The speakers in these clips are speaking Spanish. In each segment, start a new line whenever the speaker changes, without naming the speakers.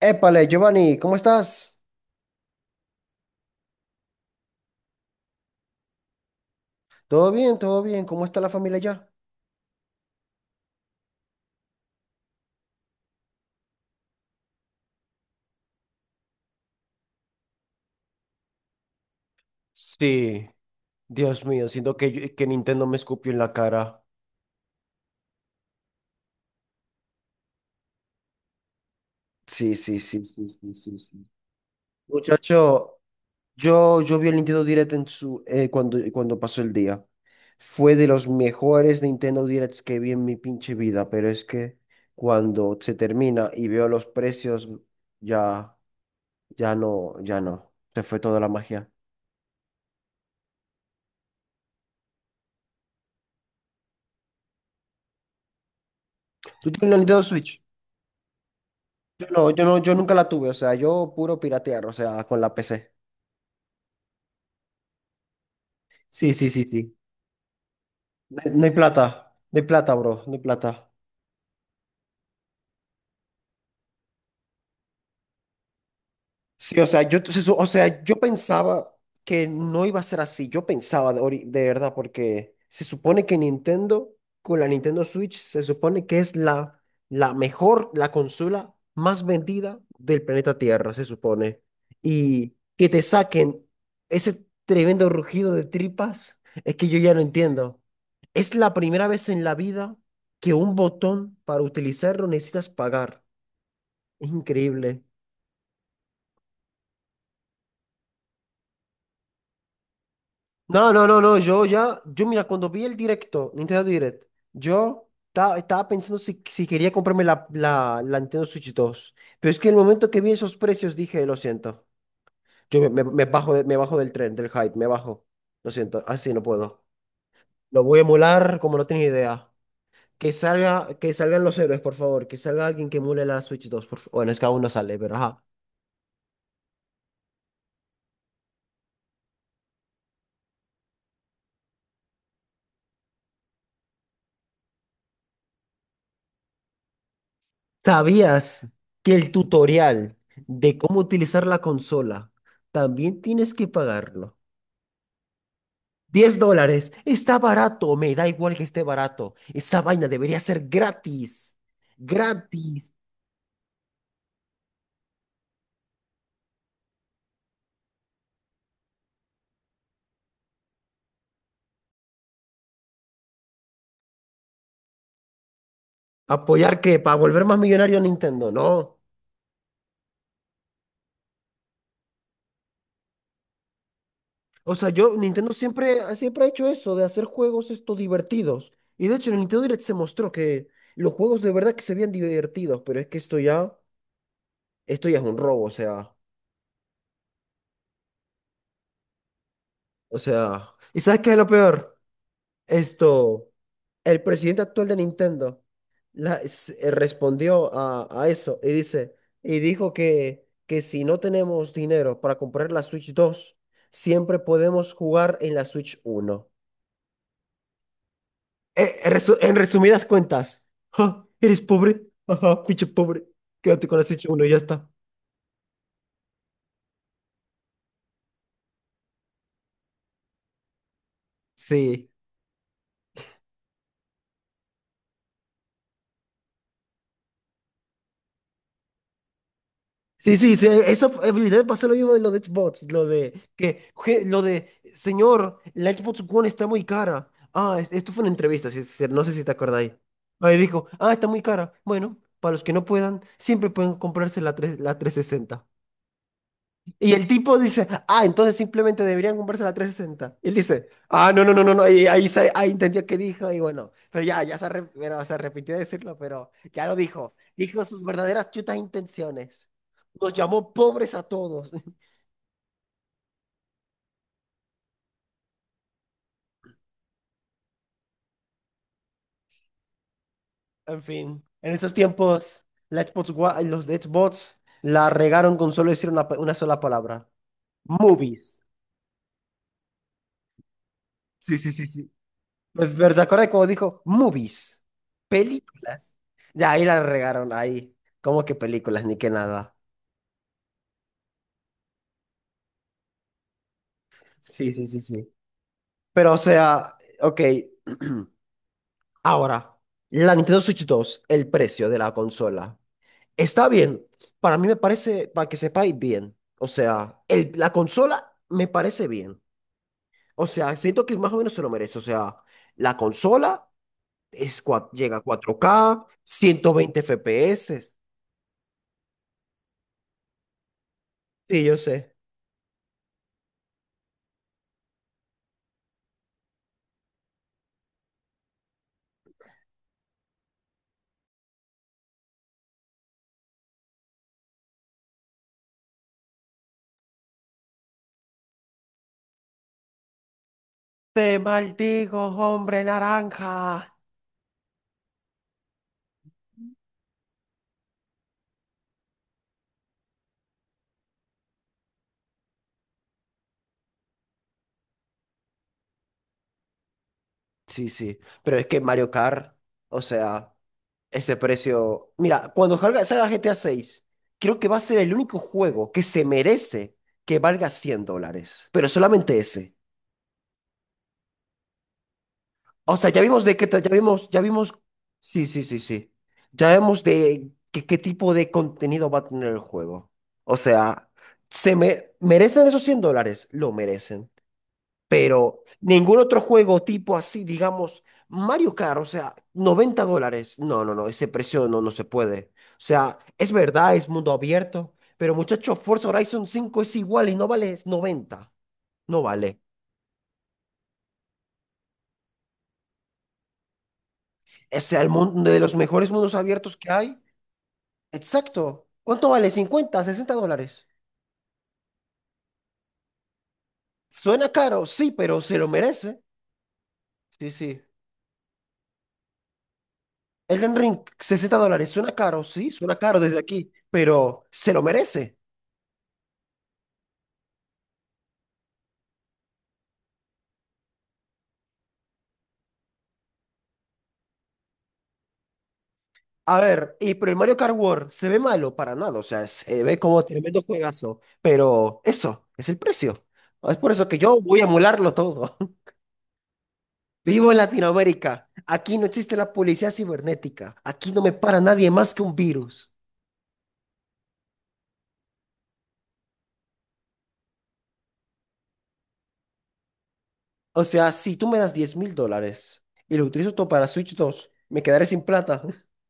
Épale, Giovanni, ¿cómo estás? ¿Todo bien? ¿Todo bien? ¿Cómo está la familia ya? Sí, Dios mío, siento que Nintendo me escupió en la cara. Sí, sí, sí, sí, sí, sí, sí. Muchacho, yo vi el Nintendo Direct cuando pasó el día. Fue de los mejores Nintendo Directs que vi en mi pinche vida, pero es que cuando se termina y veo los precios, ya, ya no, ya no. Se fue toda la magia. ¿Tú tienes una Nintendo Switch? No, yo no, yo nunca la tuve, o sea, yo puro piratear, o sea, con la PC. Sí, sí, sí, sí. No hay plata, no hay plata, bro, no hay plata. Sí, o sea, entonces, o sea, yo pensaba que no iba a ser así. Yo pensaba de verdad, porque se supone que Nintendo, con la Nintendo Switch, se supone que es la mejor, la consola más vendida del planeta Tierra, se supone. Y que te saquen ese tremendo rugido de tripas, es que yo ya no entiendo. Es la primera vez en la vida que un botón para utilizarlo necesitas pagar. Es increíble. No, no, no, no, yo mira, cuando vi el directo, Nintendo Direct, estaba pensando si quería comprarme la Nintendo Switch 2, pero es que el momento que vi esos precios dije, lo siento, yo me bajo, me bajo del tren, del hype, me bajo, lo siento, así no puedo. Lo voy a emular como no tienes idea. Que salgan los héroes, por favor, que salga alguien que emule la Switch 2. Bueno, es que aún no sale, pero ajá. ¿Sabías que el tutorial de cómo utilizar la consola también tienes que pagarlo? $10. Está barato. Me da igual que esté barato. Esa vaina debería ser gratis. Gratis. ¿Apoyar qué? ¿Para volver más millonario a Nintendo? No. O sea, Nintendo siempre, siempre ha hecho eso, de hacer juegos esto divertidos. Y de hecho, en el Nintendo Direct se mostró que los juegos de verdad que se veían divertidos, pero es que esto ya, es un robo, o sea. ¿Y sabes qué es lo peor? Esto, el presidente actual de Nintendo respondió a eso y dijo que si no tenemos dinero para comprar la Switch 2 siempre podemos jugar en la Switch 1. En resumidas cuentas: "Ja, eres pobre, ajá, pinche pobre, quédate con la Switch 1 y ya está". Sí. Sí, sí, sí, esa habilidad pasa lo mismo de lo de Xbox, lo de, señor, la Xbox One está muy cara. Ah, esto fue una entrevista, sí, sí, no sé si te acordáis. Ahí dijo, ah, está muy cara. Bueno, para los que no puedan, siempre pueden comprarse la 360. Y el tipo dice, ah, entonces simplemente deberían comprarse la 360. Y él dice, ah, no, no, no, no, no. Y ahí, ahí entendió qué dijo, y bueno, pero se arrepintió de decirlo, pero ya lo dijo. Dijo sus verdaderas chutas intenciones. Nos llamó pobres a todos. En fin, en esos tiempos, los de Xbox la regaron con solo decir una sola palabra. Movies. Sí, sí, sí, sí. Pero ¿te acuerdas cómo dijo? Movies, películas. Ya ahí la regaron, ahí. ¿Cómo que películas? Ni que nada. Sí, sí, sí, sí. Pero o sea, ok. Ahora, la Nintendo Switch 2, el precio de la consola. Está bien. Para mí me parece, para que sepáis bien. O sea, la consola me parece bien. O sea, siento que más o menos se lo merece. O sea, la consola llega a 4K, 120 FPS. Sí, yo sé. Te maldigo, hombre naranja. Sí, sí, pero es que Mario Kart, o sea, ese precio. Mira, cuando salga GTA 6, creo que va a ser el único juego que se merece que valga $100, pero solamente ese. O sea, ya vimos de qué, tra- ya vimos, ya vimos. Sí, sí, sí, sí. Ya vemos de qué tipo de contenido va a tener el juego. O sea, se me... ¿Merecen esos $100? Lo merecen. Pero ningún otro juego tipo así, digamos, Mario Kart, o sea, $90. No, no, no, ese precio no, no se puede. O sea, es verdad, es mundo abierto, pero muchachos, Forza Horizon 5 es igual y no vale 90. No vale. O sea, el mundo de los mejores mundos abiertos que hay. Exacto. ¿Cuánto vale? 50 a 60 dólares? Suena caro, sí, pero se lo merece. Sí, sí. Elden Ring, $60. Suena caro, sí, suena caro desde aquí, pero se lo merece. A ver, y pero el Mario Kart World se ve malo para nada, o sea, se ve como tremendo juegazo, pero eso es el precio. Es por eso que yo voy a emularlo todo. Vivo en Latinoamérica, aquí no existe la policía cibernética, aquí no me para nadie más que un virus. O sea, si tú me das $10,000 y lo utilizo todo para la Switch 2, me quedaré sin plata.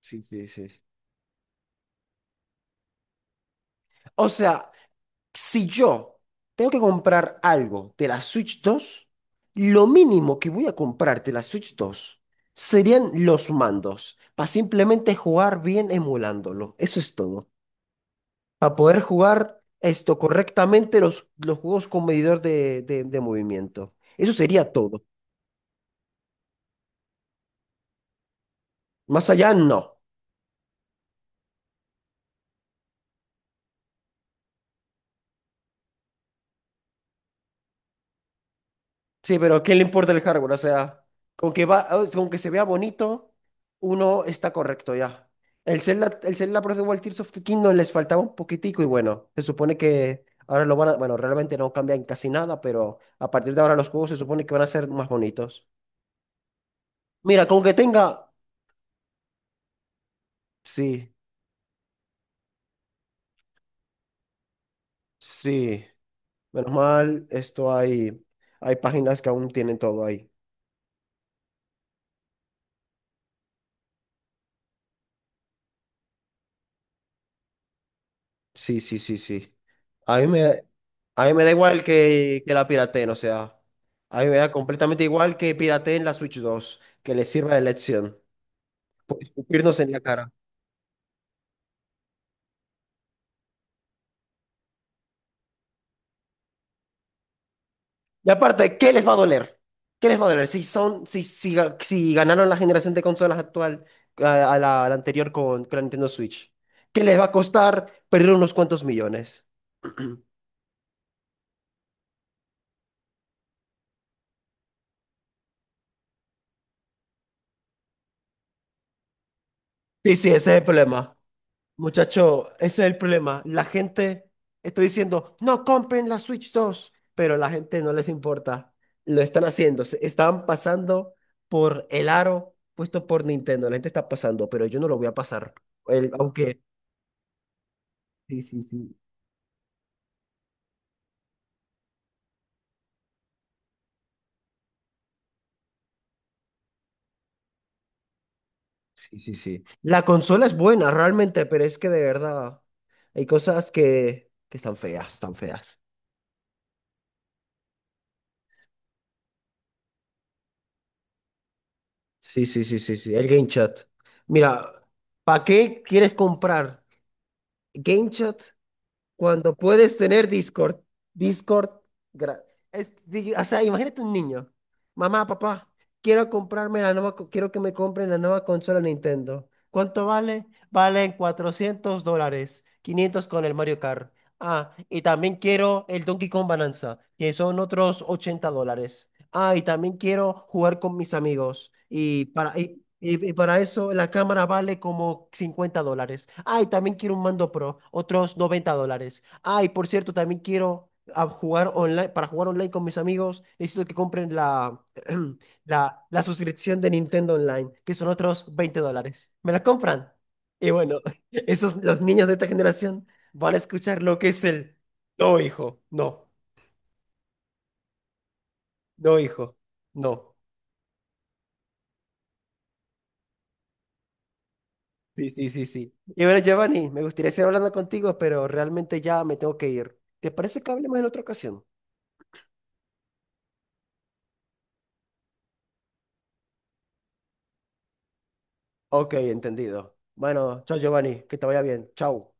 Sí, sí, sí. O sea, si yo tengo que comprar algo de la Switch 2, lo mínimo que voy a comprar de la Switch 2 serían los mandos, para simplemente jugar bien emulándolo. Eso es todo. Para poder jugar esto correctamente, los juegos con medidor de movimiento. Eso sería todo. Más allá, no. Sí, pero ¿qué le importa el hardware? O sea, con que se vea bonito, uno está correcto ya. El Zelda Breath of the Wild, Tears of the Kingdom les faltaba un poquitico y bueno, se supone que ahora lo van a, bueno, realmente no cambian casi nada, pero a partir de ahora los juegos se supone que van a ser más bonitos. Mira, con que tenga, sí, sí, menos mal, hay páginas que aún tienen todo ahí. Sí, sí, sí, sí. A mí me, a mí me da igual que la pirateen, o sea, a mí me da completamente igual que pirateen la Switch 2, que les sirva de lección, por escupirnos en la cara. Y aparte, ¿qué les va a doler? ¿Qué les va a doler? Si son, si, si, ga- si ganaron la generación de consolas actual a la anterior con la Nintendo Switch, ¿qué les va a costar perder unos cuantos millones? Sí, sí, ese es el problema. Muchacho, ese es el problema. La gente está diciendo, no compren la Switch 2, pero la gente no les importa. Lo están haciendo. Están pasando por el aro puesto por Nintendo. La gente está pasando, pero yo no lo voy a pasar. El- aunque... Sí, sí, sí. Sí, sí, sí. La consola es buena, realmente, pero es que de verdad hay cosas que están feas, están feas. Sí, sí, sí, sí, sí. El Game Chat. Mira, ¿para qué quieres comprar Game Chat? Cuando puedes tener Discord, Discord, gra- o sea, imagínate un niño: mamá, papá, quiero comprarme quiero que me compren la nueva consola Nintendo. ¿Cuánto vale? Valen $400, 500 con el Mario Kart. Ah, y también quiero el Donkey Kong Bonanza, que son otros $80. Ah, y también quiero jugar con mis amigos. Y para eso la cámara vale como $50. Ay, también quiero un mando pro, otros $90. Ay, por cierto, también quiero jugar online; para jugar online con mis amigos, necesito que compren la, la suscripción de Nintendo Online, que son otros $20. ¿Me la compran? Y bueno, esos, los niños de esta generación van a escuchar lo que es el no, hijo, no, no, hijo, no. Sí, sí, sí, sí. Y bueno, Giovanni, me gustaría seguir hablando contigo, pero realmente ya me tengo que ir. ¿Te parece que hablemos en otra ocasión? Ok, entendido. Bueno, chao, Giovanni, que te vaya bien. Chao.